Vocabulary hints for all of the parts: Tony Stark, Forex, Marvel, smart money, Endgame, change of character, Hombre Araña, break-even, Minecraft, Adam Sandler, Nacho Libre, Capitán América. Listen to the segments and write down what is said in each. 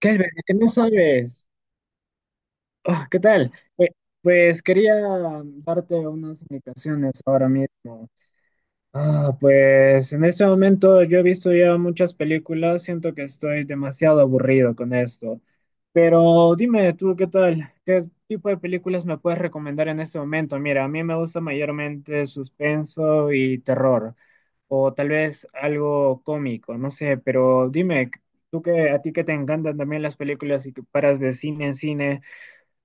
Kelvin, ¿qué no sabes? Ah, ¿qué tal? Pues, quería darte unas indicaciones ahora mismo. Ah, pues en este momento yo he visto ya muchas películas, siento que estoy demasiado aburrido con esto. Pero dime tú, ¿qué tal? ¿Qué tipo de películas me puedes recomendar en este momento? Mira, a mí me gusta mayormente suspenso y terror o tal vez algo cómico, no sé, pero dime, tú que a ti que te encantan también las películas y que paras de cine en cine,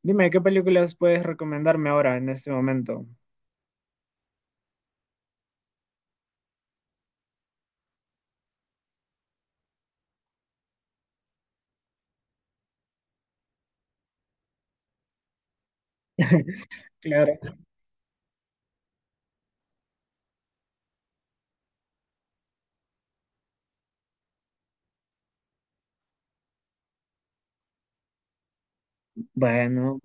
dime, ¿qué películas puedes recomendarme ahora en este momento? Claro. Bueno,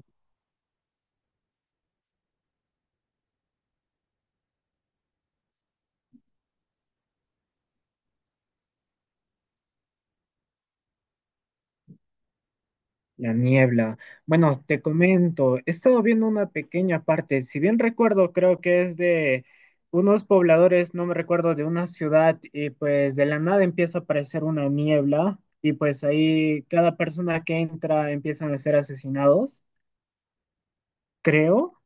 la niebla. Bueno, te comento, he estado viendo una pequeña parte, si bien recuerdo, creo que es de unos pobladores, no me recuerdo, de una ciudad y pues de la nada empieza a aparecer una niebla y pues ahí cada persona que entra empiezan a ser asesinados. Creo.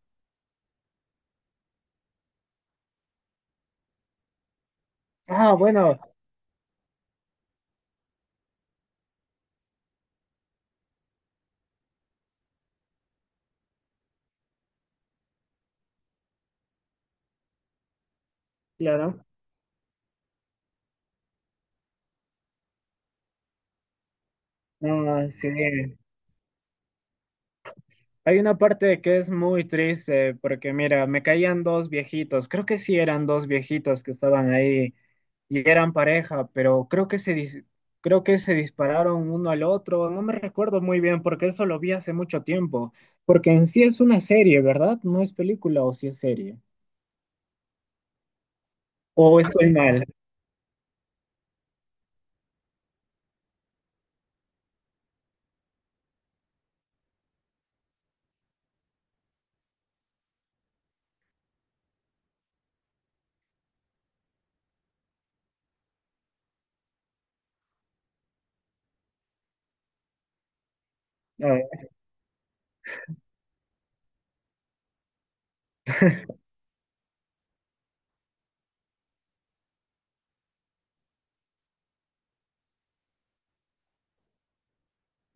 Ah, bueno. Claro. No, sí. Hay una parte que es muy triste porque mira, me caían dos viejitos, creo que sí eran dos viejitos que estaban ahí y eran pareja, pero creo que se creo que se dispararon uno al otro, no me recuerdo muy bien porque eso lo vi hace mucho tiempo, porque en sí es una serie, ¿verdad? No es película o sí es serie. O estoy mal.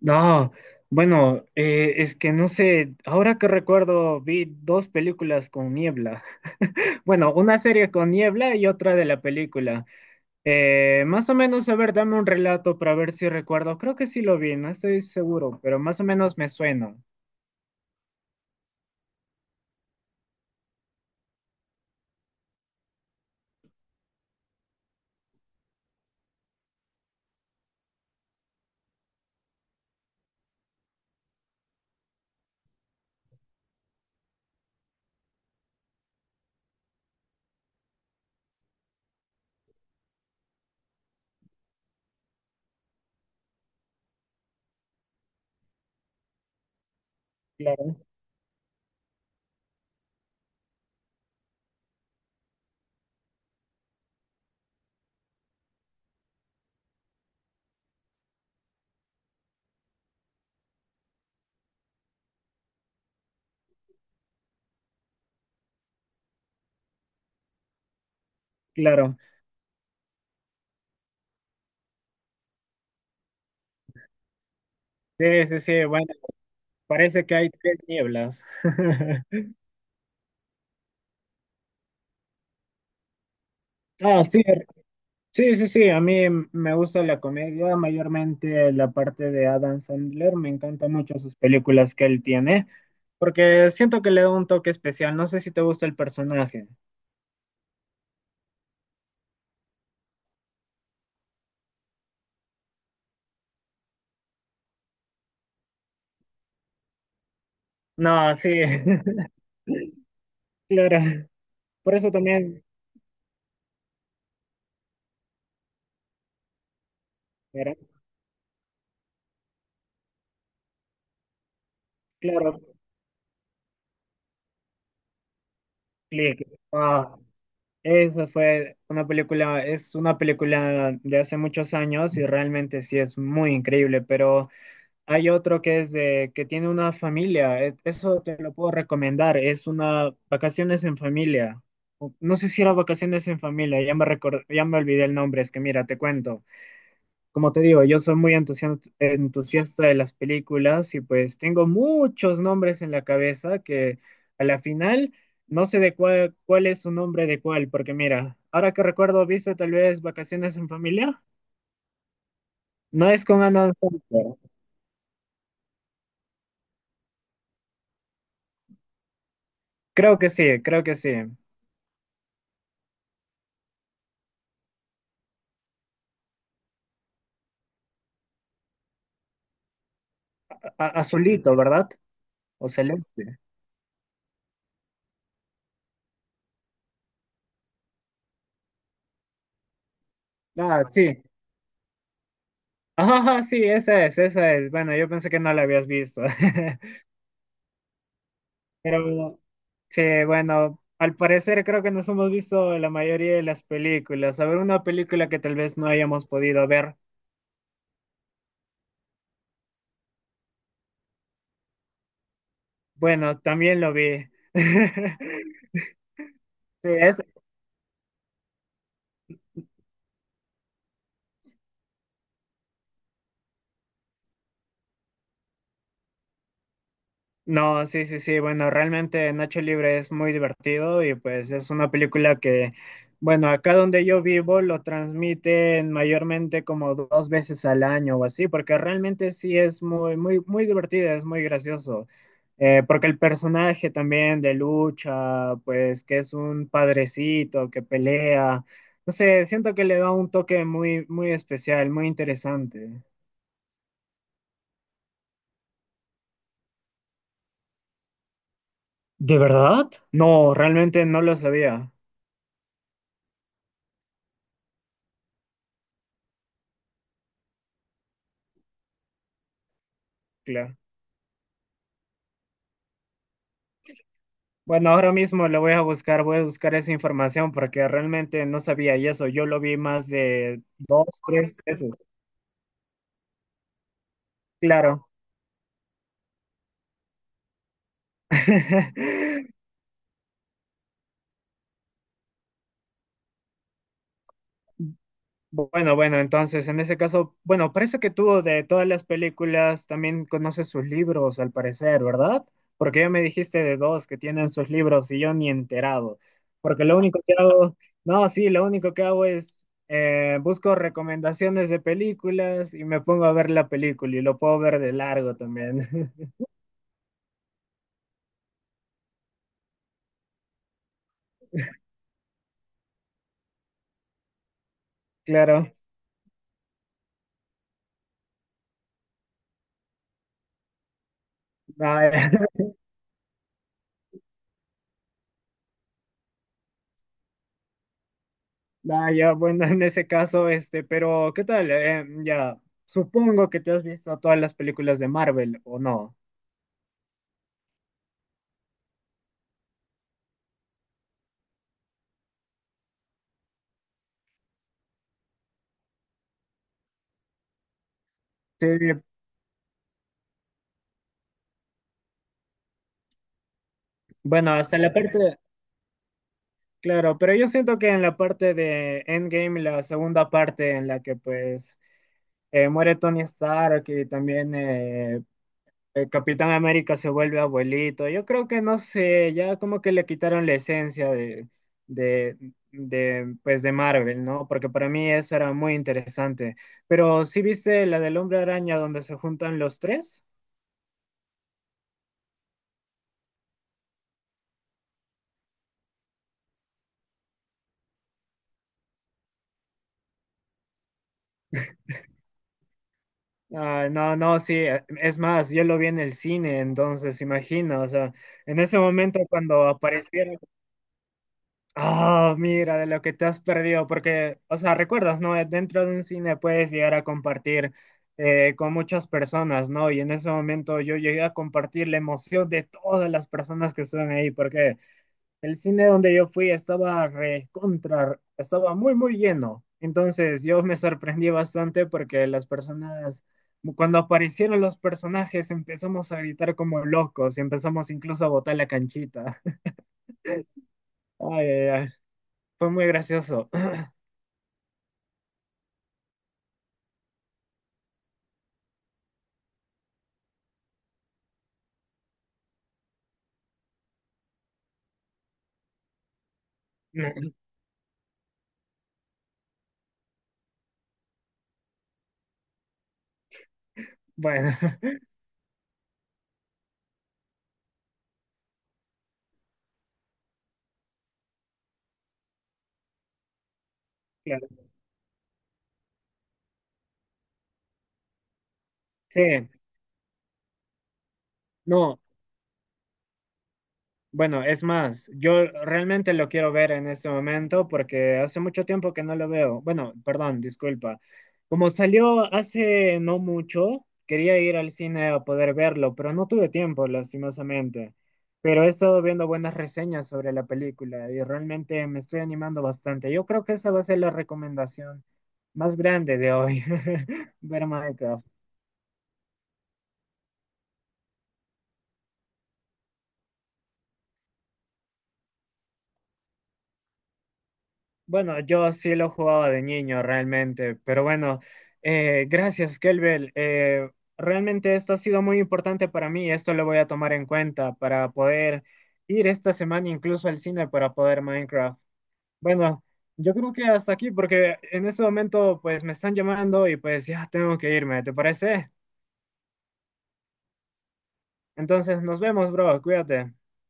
No, bueno, es que no sé, ahora que recuerdo, vi dos películas con niebla. Bueno, una serie con niebla y otra de la película. Más o menos, a ver, dame un relato para ver si recuerdo. Creo que sí lo vi, no estoy seguro, pero más o menos me suena. Claro, claro. Sí, sí, sí, bueno, parece que hay tres nieblas. Ah, sí. Sí, sí, sí, a mí me gusta la comedia, mayormente la parte de Adam Sandler, me encantan mucho sus películas que él tiene, porque siento que le da un toque especial, no sé si te gusta el personaje. No, sí, claro, por eso también, era- claro, click. Ah, esa fue una película, es una película de hace muchos años y realmente sí es muy increíble, pero... Hay otro que es de que tiene una familia. Eso te lo puedo recomendar. Es una vacaciones en familia. No sé si era vacaciones en familia, ya me ya me olvidé el nombre, es que mira, te cuento. Como te digo, yo soy muy entusiasta de las películas y pues tengo muchos nombres en la cabeza que a la final no sé de cuál, cuál es su nombre de cuál, porque mira, ahora que recuerdo, ¿viste tal vez Vacaciones en Familia? No es con Adam Sandler. Creo que sí, creo que sí. A- azulito, ¿verdad? O celeste. Ah, sí. Ah, sí, esa es, esa es. Bueno, yo pensé que no la habías visto. Pero sí, bueno, al parecer creo que nos hemos visto la mayoría de las películas. A ver, una película que tal vez no hayamos podido ver. Bueno, también lo vi. Sí. No, sí, sí, sí. Bueno, realmente Nacho Libre es muy divertido y pues es una película que, bueno, acá donde yo vivo lo transmiten mayormente como dos veces al año o así, porque realmente sí es muy, muy, muy divertida, es muy gracioso. Porque el personaje también de lucha, pues que es un padrecito que pelea, no sé, siento que le da un toque muy, muy especial, muy interesante. ¿De verdad? No, realmente no lo sabía. Bueno, ahora mismo le voy a buscar esa información porque realmente no sabía y eso. Yo lo vi más de dos, tres veces. Claro. Bueno, bueno, entonces en ese caso, bueno, parece que tú de todas las películas también conoces sus libros, al parecer, ¿verdad? Porque ya me dijiste de dos que tienen sus libros y yo ni enterado. Porque lo único que hago, no, sí, lo único que hago es busco recomendaciones de películas y me pongo a ver la película y lo puedo ver de largo también. Claro, nada, nada, ya, bueno, en ese caso, este, pero ¿qué tal? Ya, supongo que te has visto todas las películas de Marvel, ¿o no? Sí, bueno, hasta la parte, claro, pero yo siento que en la parte de Endgame, la segunda parte en la que pues muere Tony Stark y también el Capitán América se vuelve abuelito, yo creo que no sé, ya como que le quitaron la esencia de, pues de Marvel, ¿no? Porque para mí eso era muy interesante. Pero ¿sí viste la del Hombre Araña donde se juntan los tres? Ah, no, no, sí, es más, yo lo vi en el cine, entonces imagina, o sea, en ese momento cuando apareciera ah, mira, de lo que te has perdido, porque, o sea, recuerdas, ¿no? Dentro de un cine puedes llegar a compartir con muchas personas, ¿no? Y en ese momento yo llegué a compartir la emoción de todas las personas que estaban ahí, porque el cine donde yo fui estaba recontra, estaba muy, muy lleno. Entonces yo me sorprendí bastante porque las personas, cuando aparecieron los personajes, empezamos a gritar como locos y empezamos incluso a botar la canchita. Ay, ay, ay. Fue muy gracioso. Bueno, claro. Sí, no. Bueno, es más, yo realmente lo quiero ver en este momento porque hace mucho tiempo que no lo veo. Bueno, perdón, disculpa. Como salió hace no mucho, quería ir al cine a poder verlo, pero no tuve tiempo, lastimosamente. Pero he estado viendo buenas reseñas sobre la película y realmente me estoy animando bastante. Yo creo que esa va a ser la recomendación más grande de hoy, ver Minecraft. Bueno, yo sí lo jugaba de niño realmente, pero bueno, gracias, Kelbel. Realmente esto ha sido muy importante para mí, esto lo voy a tomar en cuenta para poder ir esta semana incluso al cine para poder Minecraft. Bueno, yo creo que hasta aquí, porque en este momento pues me están llamando y pues ya tengo que irme, ¿te parece? Entonces nos vemos, bro, cuídate.